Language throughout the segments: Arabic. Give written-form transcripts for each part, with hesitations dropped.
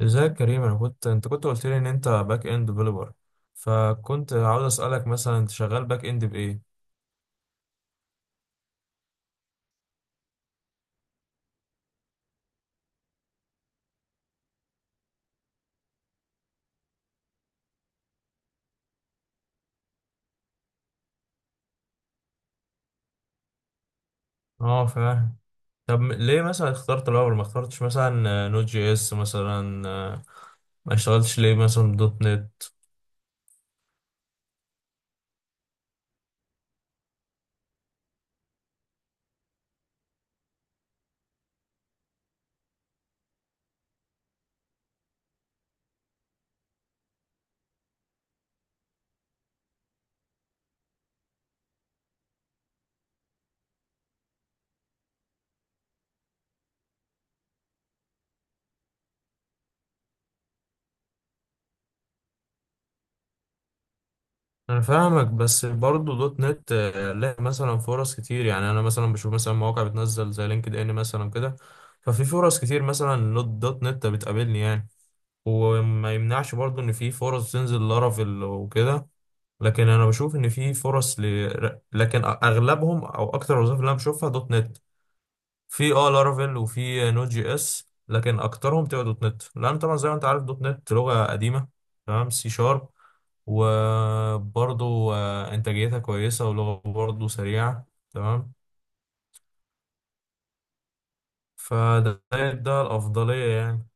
ازيك يا كريم؟ انا كنت، انت كنت قلت لي ان انت باك اند ديفلوبر، فكنت عاوز اسالك مثلا انت شغال باك اند بايه؟ اه، فاهم. طب ليه مثلا اخترت الاول؟ ما اخترتش مثلا نوت جي اس مثلا؟ ما اشتغلتش ليه مثلا دوت نت؟ انا فاهمك، بس برضه دوت نت لها مثلا فرص كتير، يعني انا مثلا بشوف مثلا مواقع بتنزل زي لينكد ان مثلا كده. ففي فرص كتير مثلا دوت نت بتقابلني يعني. وما يمنعش برضو ان في فرص تنزل لارافيل وكده، لكن انا بشوف ان في لكن اغلبهم او اكتر الوظائف اللي انا بشوفها دوت نت. في اه لارافيل وفي نوت جي اس، لكن اكترهم تبقى دوت نت، لان طبعا زي ما انت عارف دوت نت لغة قديمة، تمام، سي شارب. وبرضو انتاجيتها كويسة ولغة برضو سريعة، تمام. فده ده الافضلية يعني.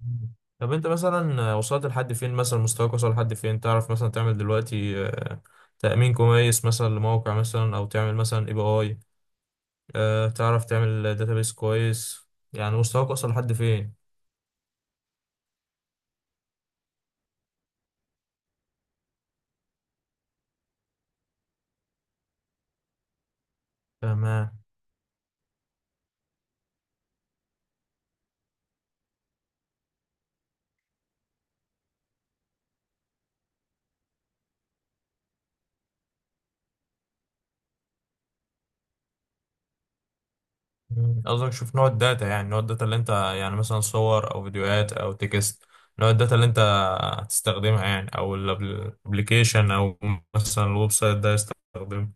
مم. طب انت مثلا وصلت لحد فين؟ مثلا مستواك وصل لحد فين؟ تعرف مثلا تعمل دلوقتي تأمين كويس مثلا لموقع، مثلا او تعمل مثلا اي بي اي؟ تعرف تعمل داتابيس كويس؟ يعني مستواك وصل لحد فين؟ تمام. مم. قصدك شوف نوع الداتا، يعني نوع الداتا اللي انت يعني مثلا صور او فيديوهات او تكست. نوع الداتا اللي انت هتستخدمها يعني، او الابلكيشن، او مثلا الويب سايت ده يستخدمه.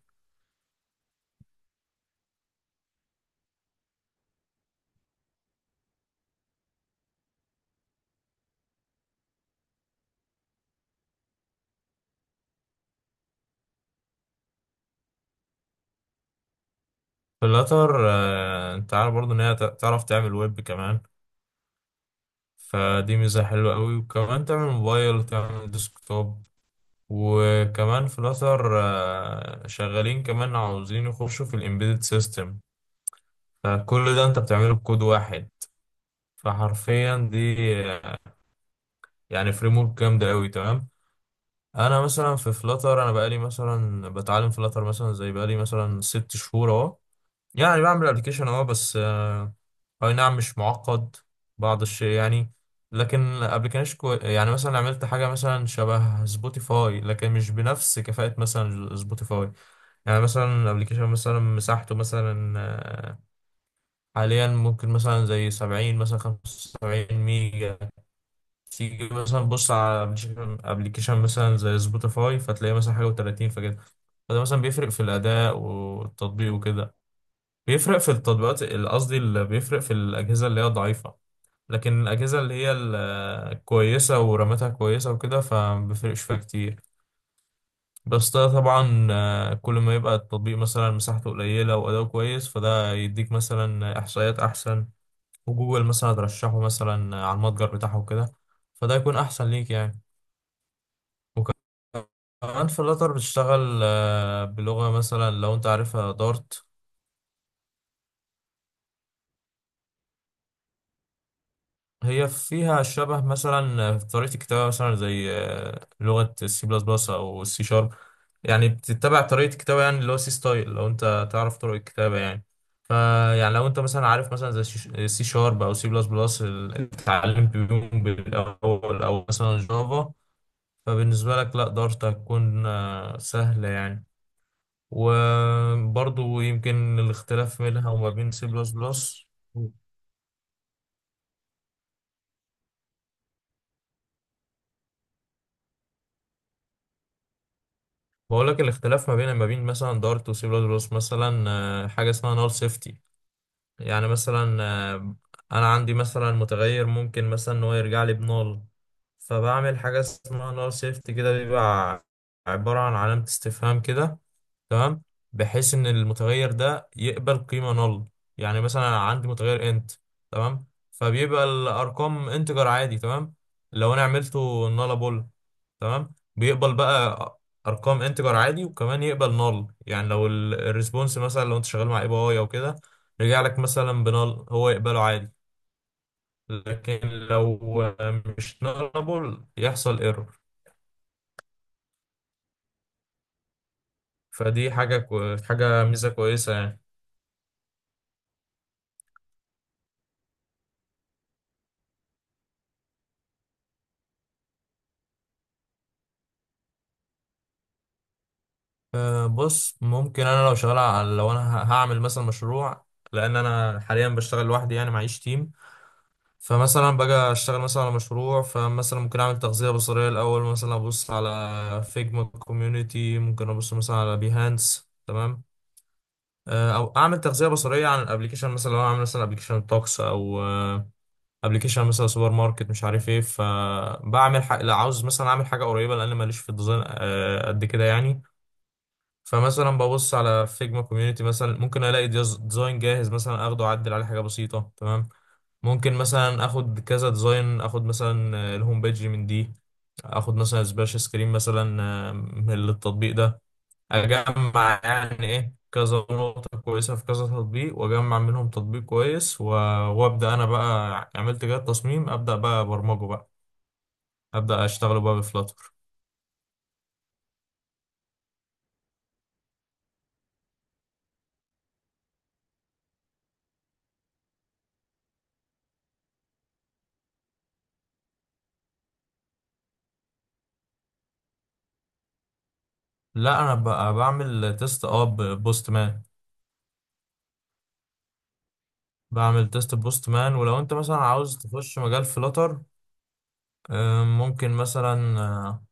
في الاخر انت عارف برضه ان هي تعرف تعمل ويب كمان، فدي ميزة حلوة قوي. وكمان تعمل موبايل وتعمل ديسكتوب، وكمان فلاتر شغالين كمان عاوزين يخشوا في الامبيدد سيستم. فكل ده انت بتعمله بكود واحد. فحرفيا دي آه، يعني فريم ورك جامدة قوي، تمام. انا مثلا في فلاتر، انا بقالي مثلا بتعلم فلاتر مثلا زي، بقالي مثلا ست شهور اهو، يعني بعمل ابلكيشن اه، بس اي نعم، مش معقد بعض الشيء يعني. لكن يعني مثلا عملت حاجه مثلا شبه سبوتيفاي، لكن مش بنفس كفاءه مثلا سبوتيفاي. يعني مثلا ابلكيشن مثلا مساحته مثلا حاليا ممكن مثلا زي 70، مثلا 75 ميجا. تيجي مثلا بص على ابلكيشن مثلا زي سبوتيفاي فتلاقي مثلا حاجه و30، فكده. فده مثلا بيفرق في الاداء والتطبيق وكده، بيفرق في التطبيقات قصدي بيفرق في الأجهزة اللي هي ضعيفة. لكن الأجهزة اللي هي الكويسة ورامتها كويسة وكده فما بيفرقش فيها كتير. بس ده طبعا كل ما يبقى التطبيق مثلا مساحته قليلة وأداؤه كويس، فده يديك مثلا إحصائيات أحسن، وجوجل مثلا ترشحه مثلا على المتجر بتاعه وكده، فده يكون أحسن ليك يعني. وكمان في الأتر بتشتغل بلغة مثلا لو أنت عارفها، دارت. هي فيها شبه مثلا في طريقة الكتابة مثلا زي لغة السي بلس بلس أو السي شارب. يعني بتتبع طريقة الكتابة يعني، اللي هو سي ستايل، لو أنت تعرف طرق الكتابة يعني. فيعني لو أنت مثلا عارف مثلا زي سي شارب أو سي بلس بلس، اللي اتعلمت بيهم بالأول، أو مثلا جافا، فبالنسبة لك لا دارت هتكون سهلة يعني. وبرضو يمكن الاختلاف منها وما بين سي بلس بلس، بقول لك الاختلاف ما بين، ما بين مثلا دارت وسي بلس بلس مثلا حاجه اسمها نال سيفتي. يعني مثلا آه، انا عندي مثلا متغير ممكن مثلا ان هو يرجع لي بنول، فبعمل حاجه اسمها نول شيفت كده، بيبقى عباره عن علامه استفهام كده، تمام، بحيث ان المتغير ده يقبل قيمه نل. يعني مثلا أنا عندي متغير انت، تمام، فبيبقى الارقام انتجر عادي، تمام. لو انا عملته نلابل، تمام، بيقبل بقى ارقام انتجر عادي، وكمان يقبل نل. يعني لو الريسبونس مثلا، لو انت شغال مع اي بي اي او كده، رجع لك مثلا بنال هو يقبله عادي. لكن لو مش نالبل يحصل ايرور. فدي حاجة ميزة كويسة يعني. أه، بص، ممكن انا لو شغال على، لو انا هعمل مثلا مشروع، لان انا حاليا بشتغل لوحدي يعني، معيش تيم. فمثلا باجي اشتغل مثلا على مشروع، فمثلا ممكن اعمل تغذية بصرية الاول، مثلا ابص على فيجما كوميونيتي، ممكن ابص مثلا على بيهانس، تمام. او اعمل تغذية بصرية عن الابليكيشن، مثلا لو انا عامل مثلا ابليكيشن توكس، او ابلكيشن مثلا سوبر ماركت مش عارف ايه، فبعمل حاجه، لا عاوز مثلا اعمل حاجه قريبه، لان ماليش في الديزاين قد كده يعني. فمثلا ببص على فيجما كوميونتي مثلا، ممكن الاقي ديزاين جاهز مثلا، اخده اعدل عليه حاجه بسيطه، تمام. ممكن مثلا اخد كذا ديزاين، اخد مثلا الهوم بيج من دي، اخد مثلا سبلاش سكرين مثلا من التطبيق ده، اجمع يعني ايه كذا نقطة كويسة في كذا تطبيق، واجمع منهم تطبيق كويس وابدا انا بقى، عملت كده تصميم، ابدا بقى برمجه بقى، ابدا اشتغله بقى بفلاتر. لا انا بقى بعمل تيست اه، بوست مان. بعمل تيست بوست مان. ولو انت مثلا عاوز تخش مجال فلاتر، ممكن مثلا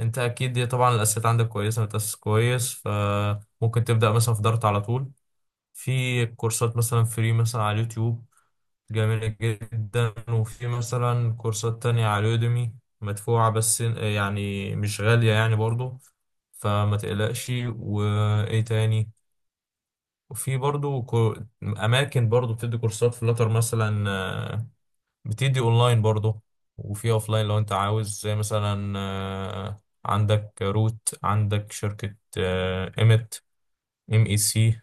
انت اكيد دي طبعا الاساسيات عندك كويسة، متأسس كويس، فممكن تبدا مثلا في دارت على طول. في كورسات مثلا فري مثلا على اليوتيوب، جميلة جدا، وفي مثلا كورسات تانية على يوديمي، مدفوعة بس يعني مش غالية يعني برضو، فما تقلقش. وإيه تاني؟ وفي برضو أماكن برضو بتدي كورسات فلاتر مثلا بتدي أونلاين برضو، وفي أوفلاين لو أنت عاوز، زي مثلا عندك روت، عندك شركة إيمت، إم إي سي.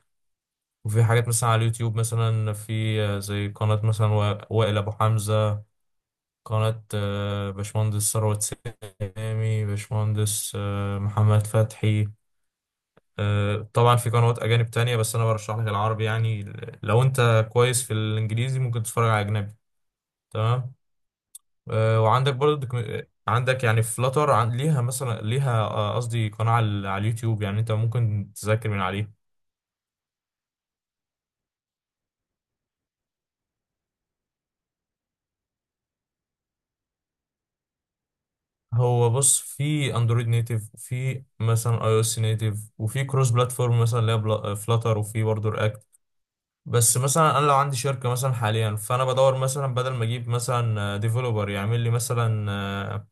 وفي حاجات مثلا على اليوتيوب، مثلا في زي قناة مثلا وائل أبو حمزة، قناة باشمهندس ثروت، سامي، باشمهندس محمد فتحي. طبعا في قنوات أجانب تانية، بس أنا برشح لك العربي يعني. لو أنت كويس في الإنجليزي ممكن تتفرج على أجنبي، تمام. وعندك برضه عندك يعني فلاتر عن ليها مثلا، ليها قصدي قناة على على اليوتيوب، يعني أنت ممكن تذاكر من عليها. هو بص، في اندرويد نيتيف، وفي مثلا اي او اس نيتيف، وفي كروس بلاتفورم مثلا اللي هي فلاتر، وفي برضه رياكت. بس مثلا انا لو عندي شركه مثلا حاليا، فانا بدور مثلا بدل ما اجيب مثلا ديفلوبر يعمل لي مثلا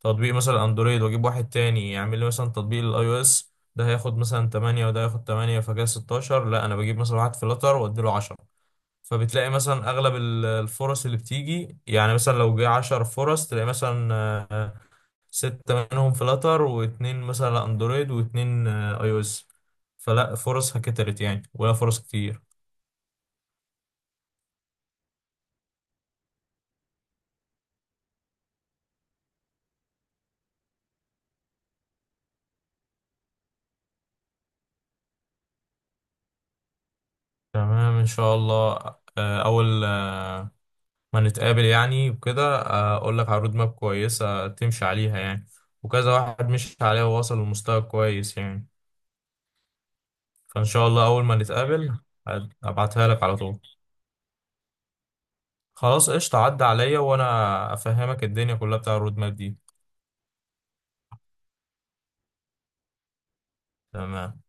تطبيق مثلا اندرويد، واجيب واحد تاني يعمل لي مثلا تطبيق الاي او اس، ده هياخد مثلا 8 وده هياخد 8 فكده 16، لا انا بجيب مثلا واحد فلاتر واديله 10. فبتلاقي مثلا اغلب الفرص اللي بتيجي، يعني مثلا لو جه 10 فرص تلاقي مثلا آه، 6 منهم فلاتر، واتنين مثلا اندرويد، واتنين اي او اس. فلا فرصها كترت يعني، ولا فرص كتير. تمام ان شاء الله. اول ما نتقابل يعني وكده اقول لك على رود ماب كويسه تمشي عليها يعني، وكذا واحد مشي عليها ووصل لمستوى كويس يعني. فان شاء الله اول ما نتقابل، ابعتها لك على طول. خلاص، قشطه، عدى عليا وانا افهمك الدنيا كلها بتاع الرود ماب دي. تمام.